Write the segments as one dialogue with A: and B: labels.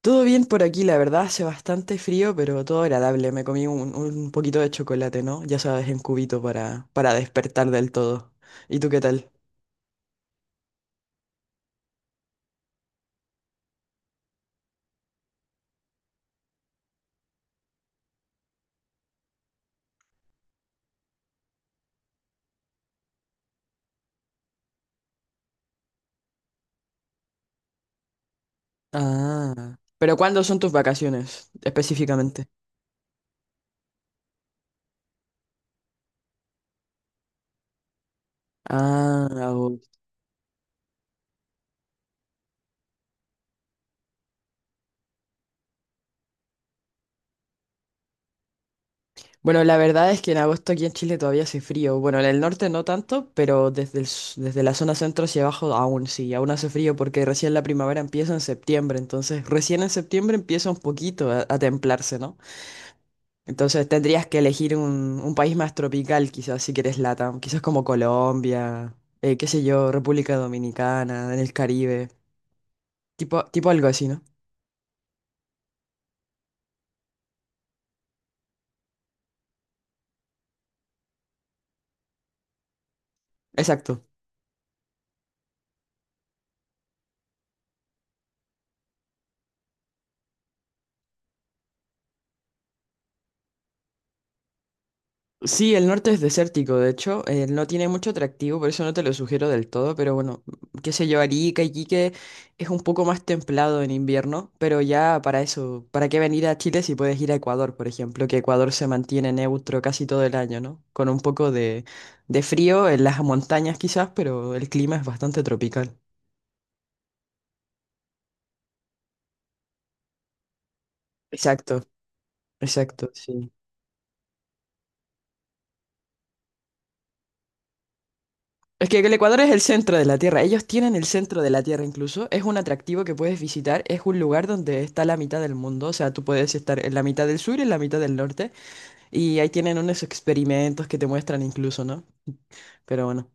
A: Todo bien por aquí, la verdad, hace bastante frío, pero todo agradable. Me comí un poquito de chocolate, ¿no? Ya sabes, en cubito para despertar del todo. ¿Y tú qué tal? Ah. ¿Pero cuándo son tus vacaciones específicamente? Ah, agosto. Bueno, la verdad es que en agosto aquí en Chile todavía hace frío. Bueno, en el norte no tanto, pero desde la zona centro hacia abajo aún sí, aún hace frío porque recién la primavera empieza en septiembre, entonces recién en septiembre empieza un poquito a templarse, ¿no? Entonces tendrías que elegir un país más tropical, quizás si quieres LATAM, quizás como Colombia, qué sé yo, República Dominicana, en el Caribe, tipo algo así, ¿no? Exacto. Sí, el norte es desértico, de hecho, no tiene mucho atractivo, por eso no te lo sugiero del todo, pero bueno, qué sé yo, Arica, Iquique es un poco más templado en invierno, pero ya para eso, ¿para qué venir a Chile si puedes ir a Ecuador, por ejemplo, que Ecuador se mantiene neutro casi todo el año, ¿no? Con un poco de frío en las montañas quizás, pero el clima es bastante tropical. Exacto, exacto, sí. Es que el Ecuador es el centro de la Tierra. Ellos tienen el centro de la Tierra incluso. Es un atractivo que puedes visitar. Es un lugar donde está la mitad del mundo. O sea, tú puedes estar en la mitad del sur y en la mitad del norte. Y ahí tienen unos experimentos que te muestran incluso, ¿no? Pero bueno.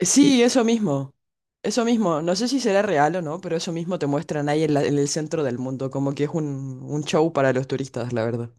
A: Sí, eso mismo. Eso mismo. No sé si será real o no, pero eso mismo te muestran ahí en el centro del mundo. Como que es un show para los turistas, la verdad.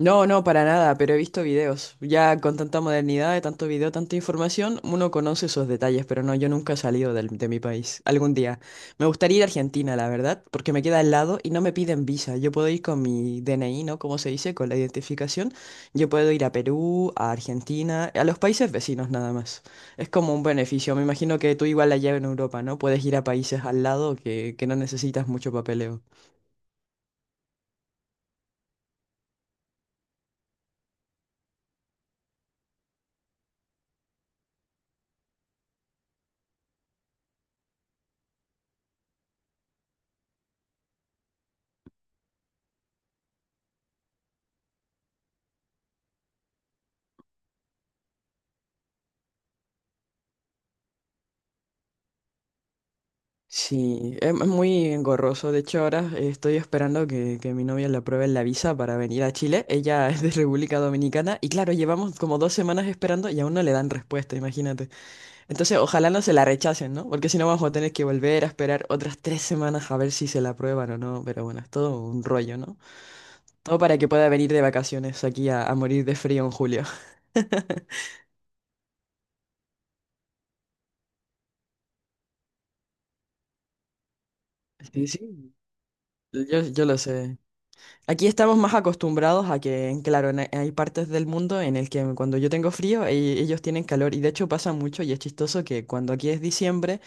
A: No, no, para nada, pero he visto videos. Ya con tanta modernidad, de tanto video, tanta información, uno conoce esos detalles, pero no, yo nunca he salido de mi país. Algún día. Me gustaría ir a Argentina, la verdad, porque me queda al lado y no me piden visa. Yo puedo ir con mi DNI, ¿no? Como se dice, con la identificación. Yo puedo ir a Perú, a Argentina, a los países vecinos nada más. Es como un beneficio. Me imagino que tú igual allá en Europa, ¿no? Puedes ir a países al lado que no necesitas mucho papeleo. Sí, es muy engorroso. De hecho, ahora estoy esperando que mi novia le apruebe la visa para venir a Chile. Ella es de República Dominicana y claro, llevamos como 2 semanas esperando y aún no le dan respuesta, imagínate. Entonces, ojalá no se la rechacen, ¿no? Porque si no, vamos a tener que volver a esperar otras 3 semanas a ver si se la aprueban o no. Pero bueno, es todo un rollo, ¿no? Todo para que pueda venir de vacaciones aquí a morir de frío en julio. Sí, sí. Yo lo sé. Aquí estamos más acostumbrados a que, claro, hay partes del mundo en el que cuando yo tengo frío, ellos tienen calor. Y de hecho pasa mucho y es chistoso que cuando aquí es diciembre,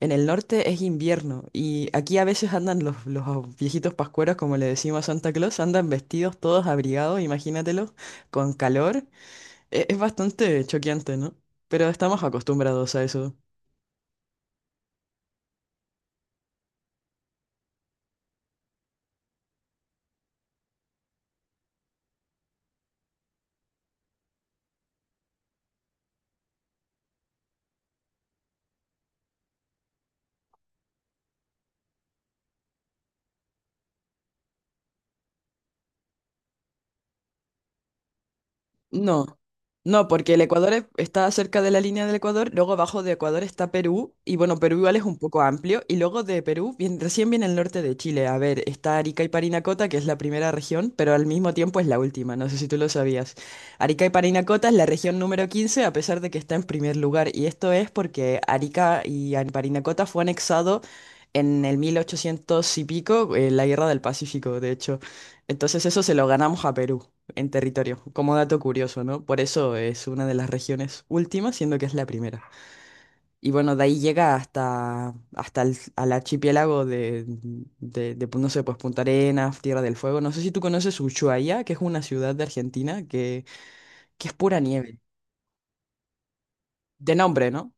A: en el norte es invierno. Y aquí a veces andan los viejitos pascueros, como le decimos a Santa Claus, andan vestidos todos abrigados, imagínatelo, con calor. Es bastante choqueante, ¿no? Pero estamos acostumbrados a eso. No, no, porque el Ecuador está cerca de la línea del Ecuador, luego abajo de Ecuador está Perú, y bueno, Perú igual es un poco amplio, y luego de Perú recién viene el norte de Chile. A ver, está Arica y Parinacota, que es la primera región, pero al mismo tiempo es la última, no sé si tú lo sabías. Arica y Parinacota es la región número 15 a pesar de que está en primer lugar, y esto es porque Arica y Parinacota fue anexado en el 1800 y pico, en la Guerra del Pacífico, de hecho. Entonces eso se lo ganamos a Perú en territorio, como dato curioso, ¿no? Por eso es una de las regiones últimas, siendo que es la primera. Y bueno, de ahí llega hasta, hasta el, al archipiélago de, pues, no sé, pues Punta Arenas, Tierra del Fuego. No sé si tú conoces Ushuaia, que es una ciudad de Argentina que es pura nieve. De nombre, ¿no?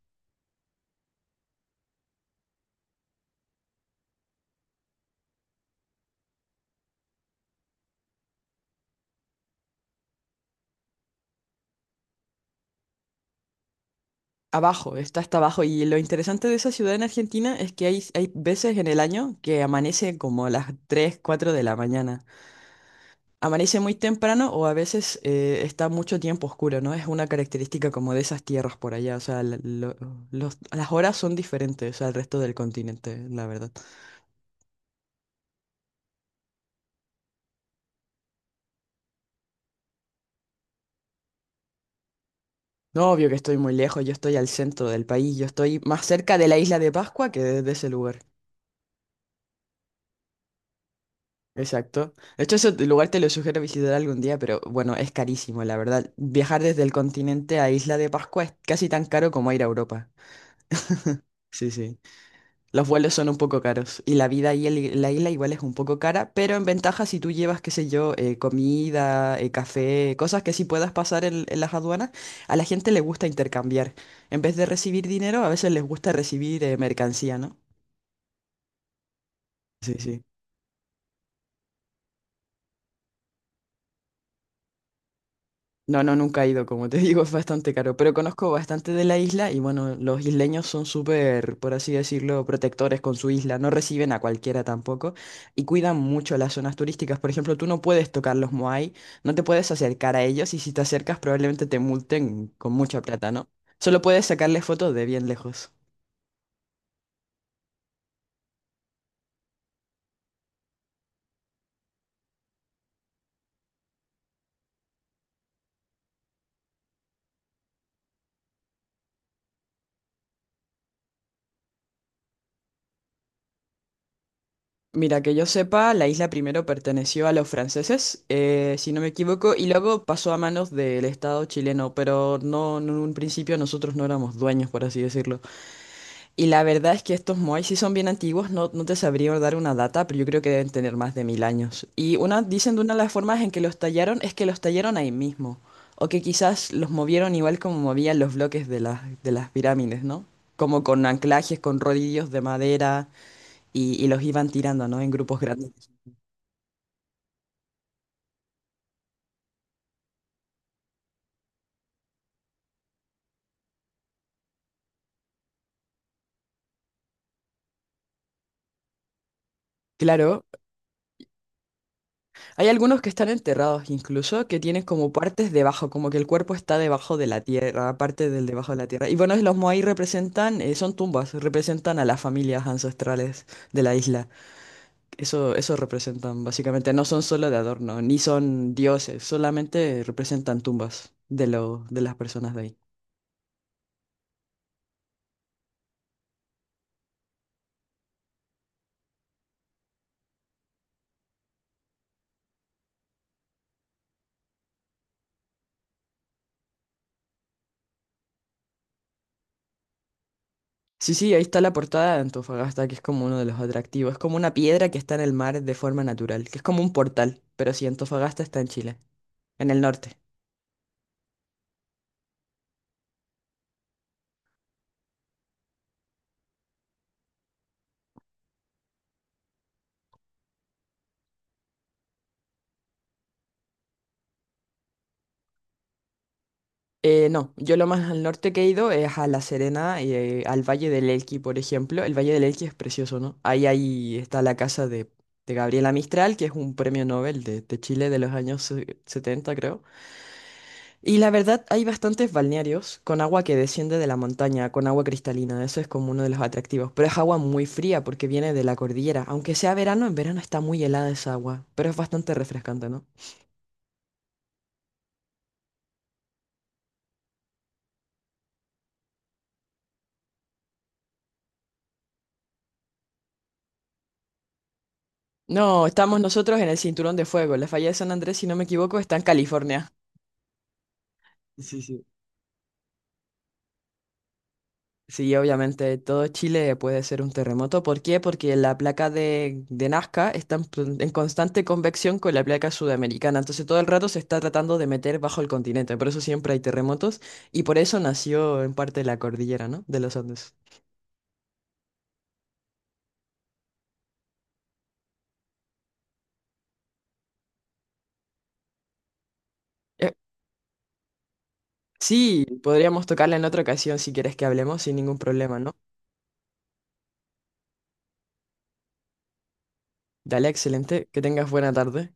A: Abajo, está hasta abajo. Y lo interesante de esa ciudad en Argentina es que hay veces en el año que amanece como a las 3 4 de la mañana. Amanece muy temprano o a veces está mucho tiempo oscuro, ¿no? Es una característica como de esas tierras por allá, o sea, las horas son diferentes al resto del continente, la verdad. No, obvio que estoy muy lejos, yo estoy al centro del país, yo estoy más cerca de la isla de Pascua que de ese lugar. Exacto. De hecho, ese lugar te lo sugiero visitar algún día, pero bueno, es carísimo, la verdad. Viajar desde el continente a Isla de Pascua es casi tan caro como ir a Europa. Sí, sí. Los vuelos son un poco caros y la vida ahí en la isla igual es un poco cara, pero en ventaja si tú llevas, qué sé yo, comida, café, cosas que sí puedas pasar en las aduanas, a la gente le gusta intercambiar. En vez de recibir dinero, a veces les gusta recibir mercancía, ¿no? Sí, sí. No, no, nunca he ido, como te digo, es bastante caro, pero conozco bastante de la isla y bueno, los isleños son súper, por así decirlo, protectores con su isla, no reciben a cualquiera tampoco y cuidan mucho las zonas turísticas. Por ejemplo, tú no puedes tocar los moai, no te puedes acercar a ellos y si te acercas probablemente te multen con mucha plata, ¿no? Solo puedes sacarles fotos de bien lejos. Mira, que yo sepa, la isla primero perteneció a los franceses, si no me equivoco, y luego pasó a manos del Estado chileno, pero no, no en un principio nosotros no éramos dueños, por así decirlo. Y la verdad es que estos moais sí son bien antiguos, no, no te sabría dar una data, pero yo creo que deben tener más de 1000 años. Dicen de una de las formas en que los tallaron es que los tallaron ahí mismo, o que quizás los movieron igual como movían los bloques de las pirámides, ¿no? Como con anclajes, con rodillos de madera, y los iban tirando, ¿no? En grupos grandes. Claro, hay algunos que están enterrados incluso, que tienen como partes debajo, como que el cuerpo está debajo de la tierra, parte del debajo de la tierra. Y bueno, los Moai representan, son tumbas, representan a las familias ancestrales de la isla. Eso representan básicamente, no son solo de adorno, ni son dioses, solamente representan tumbas de las personas de ahí. Sí, sí, ahí está la portada de Antofagasta, que es como uno de los atractivos. Es como una piedra que está en el mar de forma natural, que es como un portal, pero sí, Antofagasta está en Chile, en el norte. No, yo lo más al norte que he ido es a La Serena, y al Valle del Elqui, por ejemplo. El Valle del Elqui es precioso, ¿no? Ahí está la casa de Gabriela Mistral, que es un premio Nobel de Chile de los años 70, creo. Y la verdad, hay bastantes balnearios con agua que desciende de la montaña, con agua cristalina. Eso es como uno de los atractivos. Pero es agua muy fría porque viene de la cordillera. Aunque sea verano, en verano está muy helada esa agua, pero es bastante refrescante, ¿no? No, estamos nosotros en el Cinturón de Fuego. La falla de San Andrés, si no me equivoco, está en California. Sí, sí. Sí, obviamente todo Chile puede ser un terremoto. ¿Por qué? Porque la placa de Nazca está en constante convección con la placa sudamericana. Entonces todo el rato se está tratando de meter bajo el continente. Por eso siempre hay terremotos y por eso nació en parte la cordillera, ¿no? De los Andes. Eh, sí, podríamos tocarla en otra ocasión si quieres que hablemos sin ningún problema, ¿no? Dale, excelente. Que tengas buena tarde.